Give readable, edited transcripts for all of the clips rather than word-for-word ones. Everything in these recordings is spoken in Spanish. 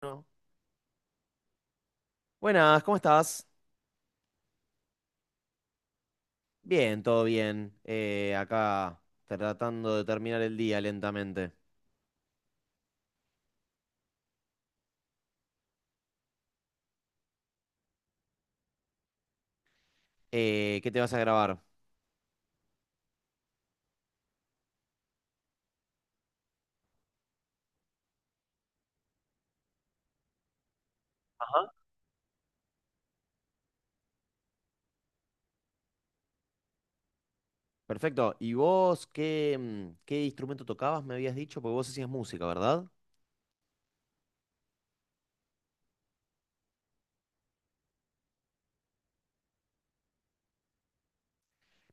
Bueno, Buenas, ¿cómo estás? Bien, todo bien. Acá tratando de terminar el día lentamente. ¿Qué te vas a grabar? Ajá. Perfecto. ¿Y vos qué instrumento tocabas? Me habías dicho, porque vos hacías música, ¿verdad?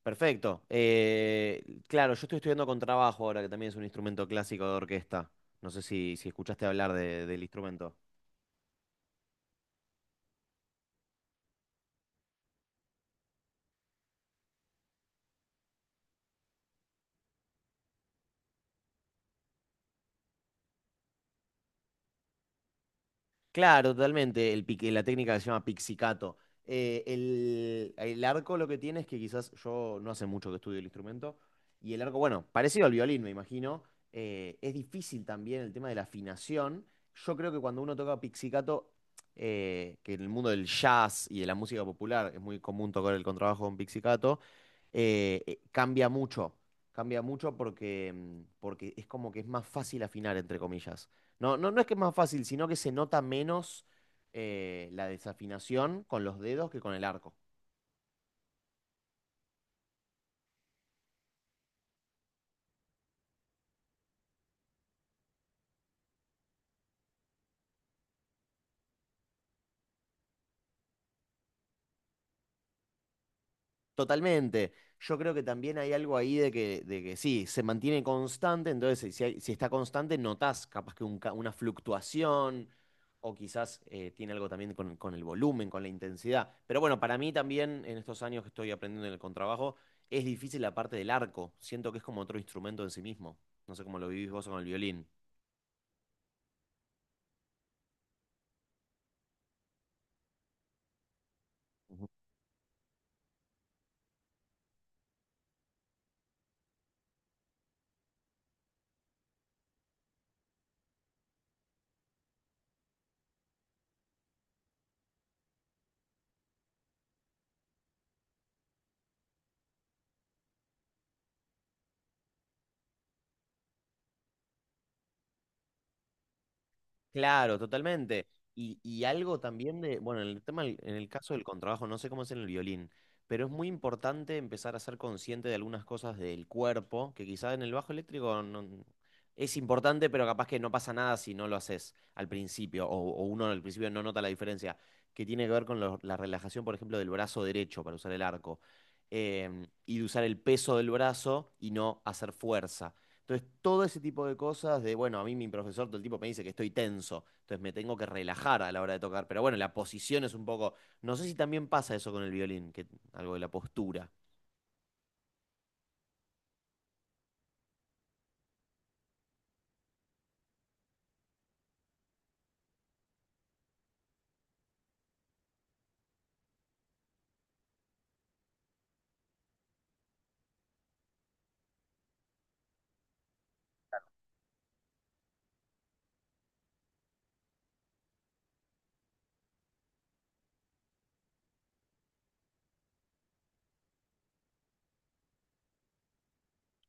Perfecto. Claro, yo estoy estudiando contrabajo ahora, que también es un instrumento clásico de orquesta. No sé si escuchaste hablar del instrumento. Claro, totalmente. El pique, la técnica que se llama pixicato. El arco lo que tiene es que quizás yo no hace mucho que estudio el instrumento. Y el arco, bueno, parecido al violín, me imagino. Es difícil también el tema de la afinación. Yo creo que cuando uno toca pixicato, que en el mundo del jazz y de la música popular es muy común tocar el contrabajo con pixicato, cambia mucho. Cambia mucho porque es como que es más fácil afinar, entre comillas. No, no, no es que es más fácil, sino que se nota menos la desafinación con los dedos que con el arco. Totalmente. Yo creo que también hay algo ahí de que sí, se mantiene constante, entonces si está constante, notás capaz que una fluctuación o quizás tiene algo también con el volumen, con la intensidad. Pero bueno, para mí también en estos años que estoy aprendiendo en el contrabajo, es difícil la parte del arco. Siento que es como otro instrumento en sí mismo. No sé cómo lo vivís vos con el violín. Claro, totalmente. Y algo también de, bueno, en el tema, en el caso del contrabajo, no sé cómo es en el violín, pero es muy importante empezar a ser consciente de algunas cosas del cuerpo, que quizás en el bajo eléctrico es importante, pero capaz que no pasa nada si no lo haces al principio, o uno al principio no nota la diferencia, que tiene que ver con la relajación, por ejemplo, del brazo derecho para usar el arco, y de usar el peso del brazo y no hacer fuerza. Entonces, todo ese tipo de cosas de, bueno, a mí mi profesor todo el tiempo me dice que estoy tenso, entonces me tengo que relajar a la hora de tocar, pero bueno, la posición es un poco, no sé si también pasa eso con el violín, que algo de la postura.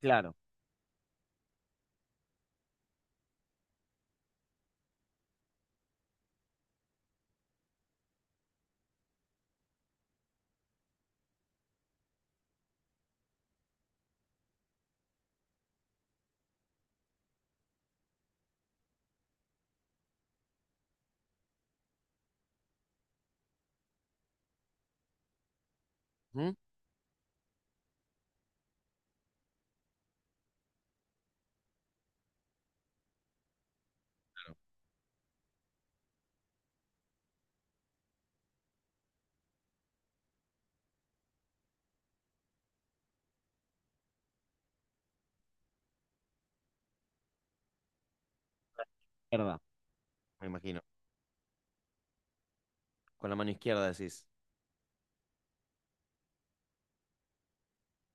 Claro. ¿Mm? Verdad. Me imagino. Con la mano izquierda decís.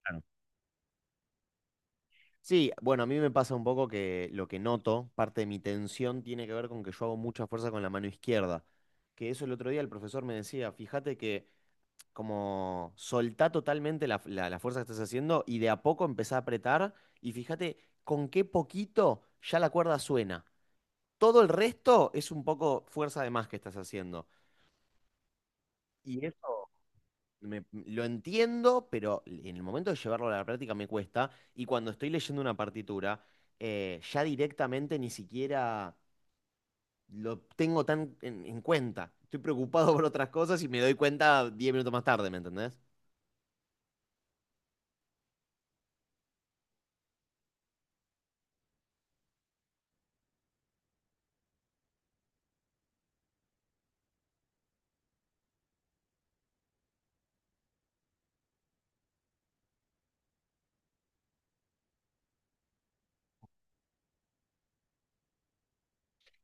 Claro. Sí, bueno, a mí me pasa un poco que lo que noto, parte de mi tensión tiene que ver con que yo hago mucha fuerza con la mano izquierda. Que eso el otro día el profesor me decía, fíjate que como soltá totalmente la fuerza que estás haciendo y de a poco empezá a apretar y fíjate con qué poquito ya la cuerda suena. Todo el resto es un poco fuerza de más que estás haciendo. Y eso lo entiendo, pero en el momento de llevarlo a la práctica me cuesta. Y cuando estoy leyendo una partitura, ya directamente ni siquiera lo tengo tan en cuenta. Estoy preocupado por otras cosas y me doy cuenta 10 minutos más tarde, ¿me entendés?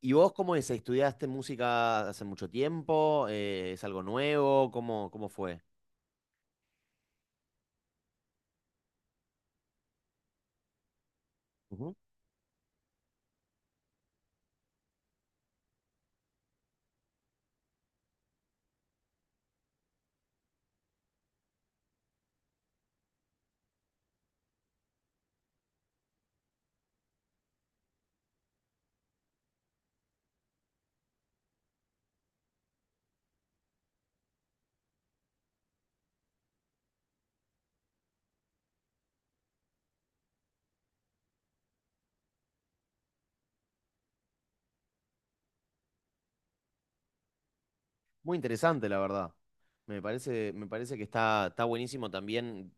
¿Y vos cómo es? ¿Estudiaste música hace mucho tiempo? ¿Es algo nuevo? ¿Cómo fue? Muy interesante, la verdad. Me parece que está buenísimo también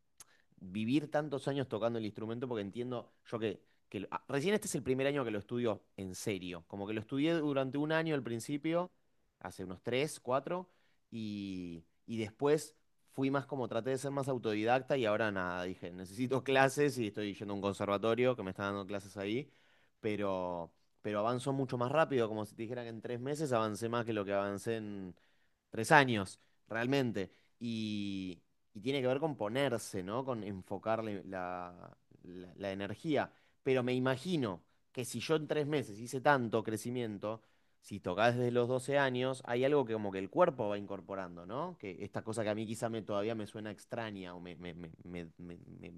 vivir tantos años tocando el instrumento, porque entiendo yo que recién este es el primer año que lo estudio en serio. Como que lo estudié durante un año al principio, hace unos tres, cuatro, y después fui más como traté de ser más autodidacta y ahora nada, dije, necesito clases y estoy yendo a un conservatorio que me está dando clases ahí, pero, pero avanzó mucho más rápido, como si te dijera que en 3 meses avancé más que lo que avancé 3 años, realmente. Y, y tiene que ver con ponerse, ¿no? Con enfocarle la energía. Pero me imagino que si yo en 3 meses hice tanto crecimiento, si tocás desde los 12 años, hay algo que como que el cuerpo va incorporando, ¿no? Que esta cosa que a mí quizá todavía me suena extraña o me- me- me- me- me-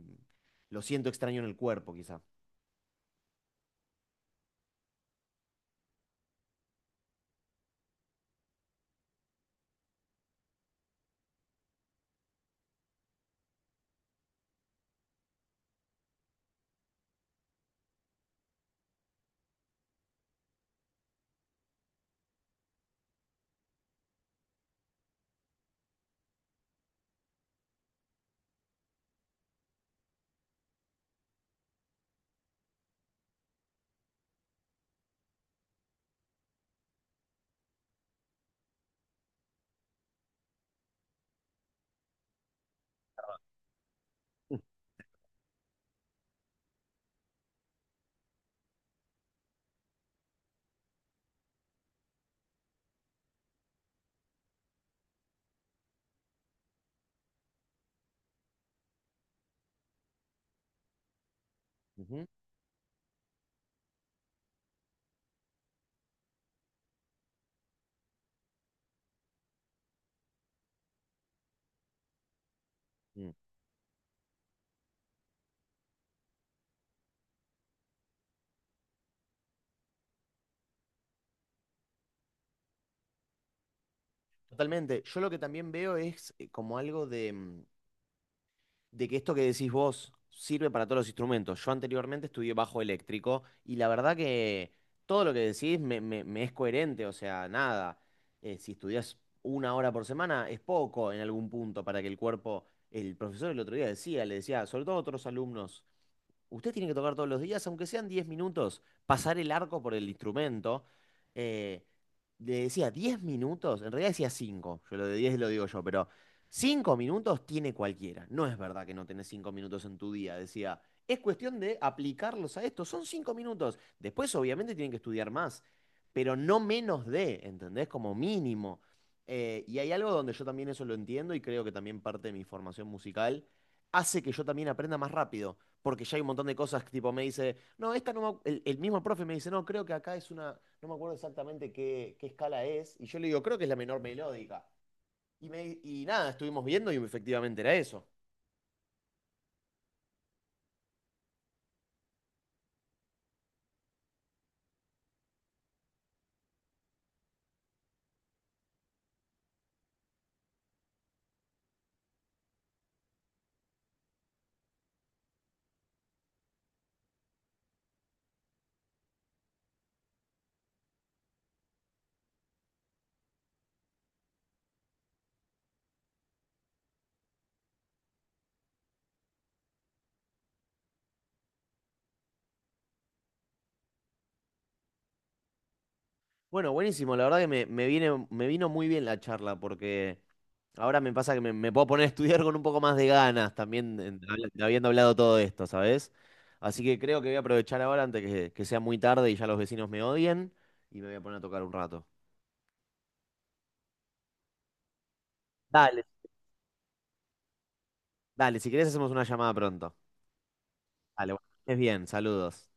lo siento extraño en el cuerpo, quizá. Ujú. Mm. Totalmente. Yo lo que también veo es como algo de que esto que decís vos sirve para todos los instrumentos. Yo anteriormente estudié bajo eléctrico y la verdad que todo lo que decís me es coherente, o sea, nada. Si estudias una hora por semana es poco en algún punto para que el cuerpo, el profesor el otro día le decía, sobre todo a otros alumnos, usted tiene que tocar todos los días, aunque sean 10 minutos, pasar el arco por el instrumento. Eh, Le decía 10 minutos, en realidad decía 5. Yo lo de 10 lo digo yo, pero 5 minutos tiene cualquiera. No es verdad que no tenés 5 minutos en tu día, decía. Es cuestión de aplicarlos a esto, son 5 minutos. Después obviamente tienen que estudiar más, pero no menos de, ¿entendés? Como mínimo. Y hay algo donde yo también eso lo entiendo y creo que también parte de mi formación musical hace que yo también aprenda más rápido porque ya hay un montón de cosas que tipo me dice, no, esta no me, ac-". El mismo profe me dice, no, creo que acá es una, no me acuerdo exactamente qué escala es, y yo le digo, creo que es la menor melódica. Y nada, estuvimos viendo y efectivamente era eso. Bueno, buenísimo, la verdad que me vino muy bien la charla, porque ahora me pasa que me puedo poner a estudiar con un poco más de ganas también, habiendo hablado todo esto, ¿sabes? Así que creo que voy a aprovechar ahora antes que sea muy tarde y ya los vecinos me odien, y me voy a poner a tocar un rato. Dale, dale, si querés hacemos una llamada pronto. Dale, bueno, que estés bien, saludos.